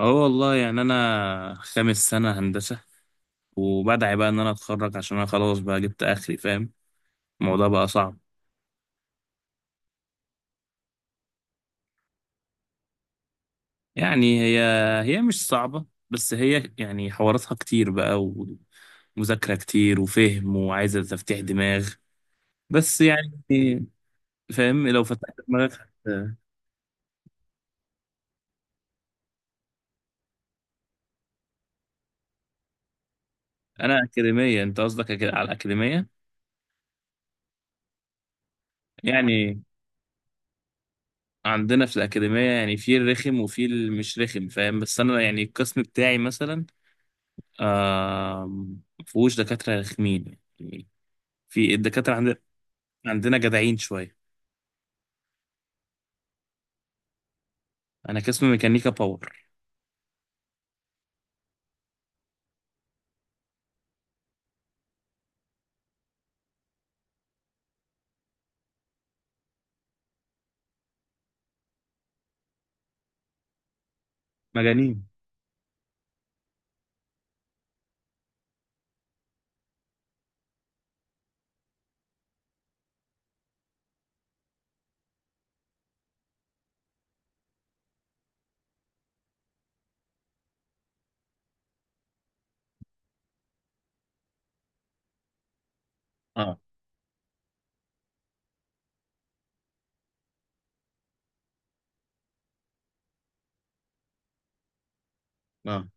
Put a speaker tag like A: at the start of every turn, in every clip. A: اه والله يعني انا خامس سنة هندسة. وبدعي بقى ان انا اتخرج عشان انا خلاص بقى جبت اخري. فاهم الموضوع بقى صعب. يعني هي مش صعبة، بس هي يعني حواراتها كتير بقى، ومذاكرة كتير وفهم وعايزة تفتيح دماغ. بس يعني فاهم لو فتحت دماغك. انا اكاديمية انت قصدك، على الاكاديمية. يعني عندنا في الاكاديمية يعني في الرخم وفي المش رخم فاهم، بس انا يعني القسم بتاعي مثلا مفهوش دكاترة رخمين يعني. في الدكاترة عندنا، عندنا جدعين شوية. أنا قسم ميكانيكا باور. مجانين. اه، اه.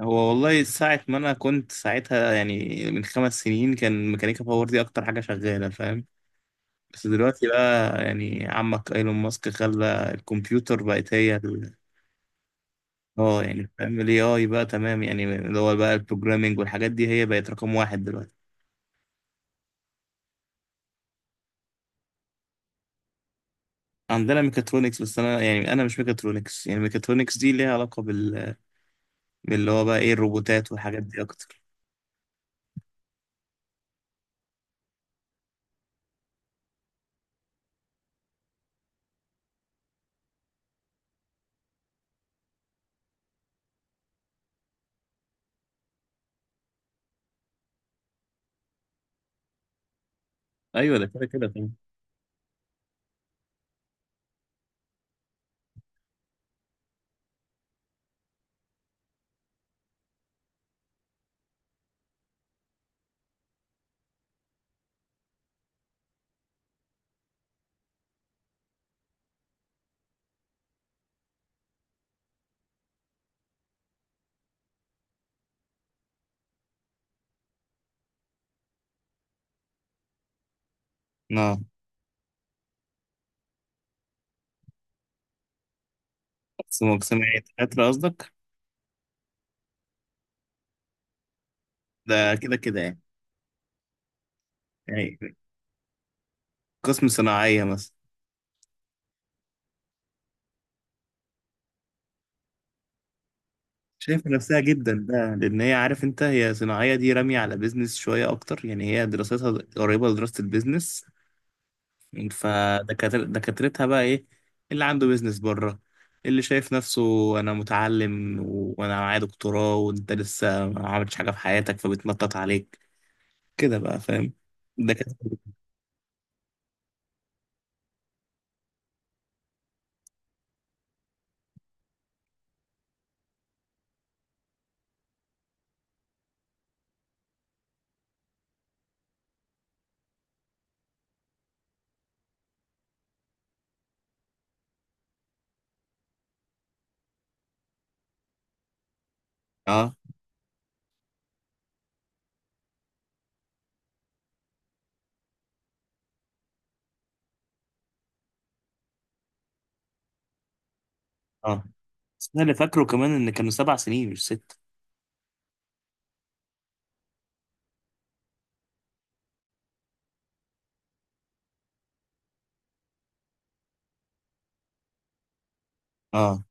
A: هو والله ساعة ما أنا كنت ساعتها يعني من 5 سنين كان ميكانيكا باور دي أكتر حاجة شغالة فاهم. بس دلوقتي بقى يعني عمك ايلون ماسك خلى الكمبيوتر بقت هي اه يعني فاهم الاي اي بقى تمام. يعني اللي هو بقى البروجرامينج والحاجات دي هي بقت رقم واحد دلوقتي. عندنا ميكاترونكس، بس انا يعني انا مش ميكاترونكس. يعني ميكاترونكس دي ليها علاقه باللي هو بقى ايه الروبوتات والحاجات دي اكتر. ايوه ده كده كده طبعا. اه بس مقسم يعني دكاتره قصدك. ده كده كده يعني. يعني قسم صناعيه مثلا. شايفه نفسها جدا بقى، لان هي عارف انت، هي صناعيه دي راميه على بيزنس شويه اكتر، يعني هي دراستها قريبه لدراسه البيزنس. دكاترتها بقى ايه اللي عنده بيزنس بره، اللي شايف نفسه انا متعلم و- وانا معايا دكتوراه، وانت لسه ما عملتش حاجه في حياتك فبتنطط عليك كده بقى فاهم. دكاتره. اه، اه. بس انا اللي فاكره كمان ان كانوا 7 سنين مش 6. اه.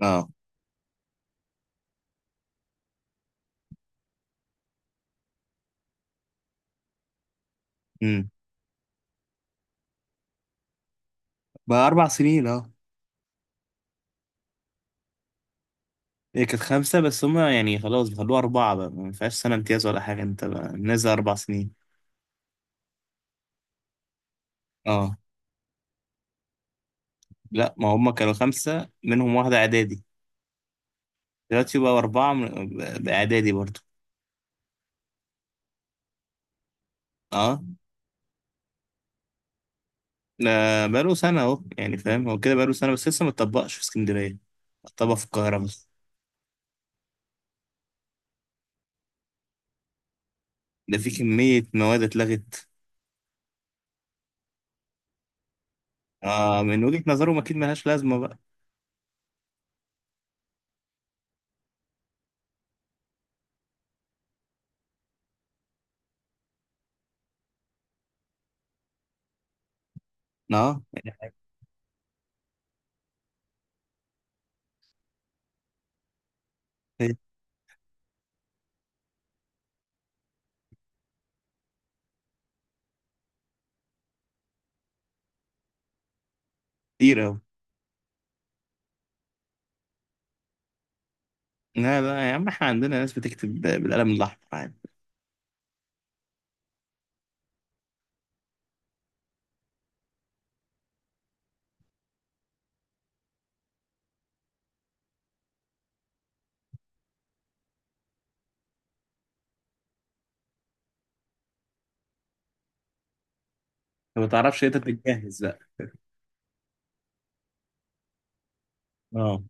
A: اه. امم بقى 4 سنين اه. هي كانت 5 بس هما يعني خلاص بيخلوها 4 بقى، ما فيهاش سنه امتياز ولا حاجه، انت بقى نازل 4 سنين. اه. لا، ما هما كانوا 5 منهم واحده اعدادي. دلوقتي بقى 4 بإعدادي برضه. اه. ده بقاله سنة أهو يعني فاهم. هو كده بقاله سنة بس لسه متطبقش في اسكندرية، اتطبق في القاهرة بس. ده في كمية مواد اتلغت. آه، من وجهة نظرهم أكيد ملهاش لازمة بقى. اه يعني. كتير أوي. لا، لا يا عم، احنا عندنا ناس بتكتب بالقلم الأحمر عادي. ما بتعرفش انت تتجهز بقى. اه.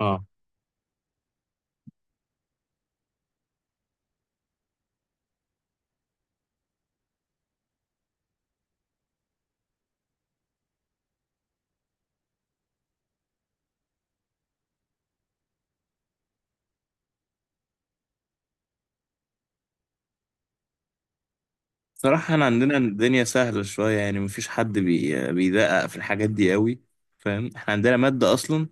A: اه. صراحة احنا عندنا الدنيا سهلة شوية يعني، مفيش حد بيدقق في الحاجات دي قوي. فاهم احنا عندنا مادة أصلا ما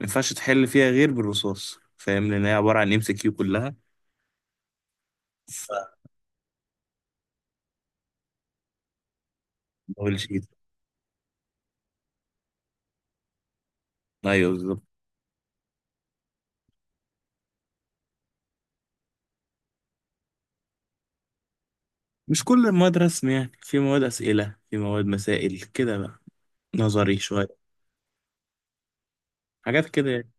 A: ينفعش تحل فيها غير بالرصاص، فاهم لان هي عباره عن MCQ كلها. فدبل شيت. ايوه بالظبط. مش كل المواد رسم، يعني في مواد اسئله، في مواد مسائل كده بقى. نظري شويه. حاجات كده يعني.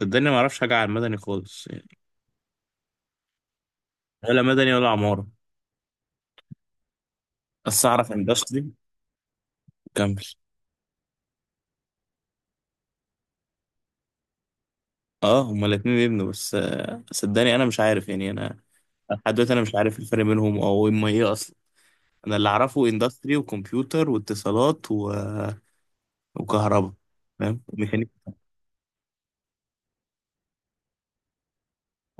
A: صدقني ما اعرفش حاجه عن مدني خالص يعني. ولا مدني ولا عماره. بس اعرف اندستري. كمل. اه، هما الاتنين يبنوا بس صدقني انا مش عارف يعني انا. لحد دلوقتي انا مش عارف الفرق بينهم او اما ايه اصلا. انا اللي اعرفه اندستري وكمبيوتر واتصالات و... وكهرباء. فاهم ميكانيكا.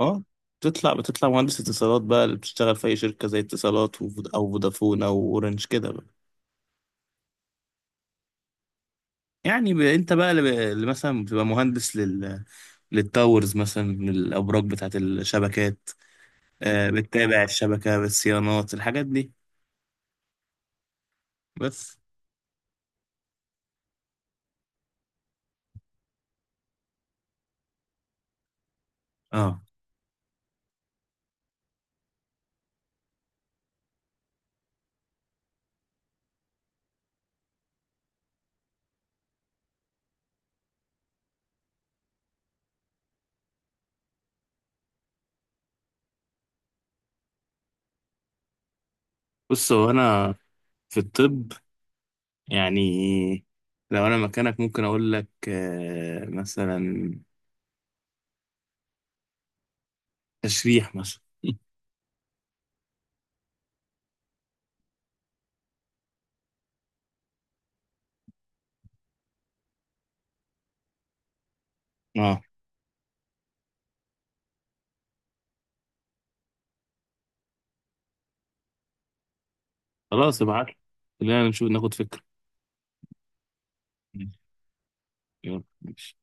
A: اه. بتطلع مهندس اتصالات بقى اللي بتشتغل في اي شركه زي اتصالات او فودافون او اورنج كده بقى. يعني انت بقى اللي، اللي مثلا بتبقى مهندس للتاورز مثلا، للابراج بتاعه الشبكات. بتتابع الشبكه بالصيانات الحاجات دي بس. اه. بص هو انا في الطب يعني لو انا مكانك ممكن اقول لك مثلا تشريح مثلا. اه خلاص ابعت لي، خلينا نشوف ناخد فكره. ماشي، يلا ماشي.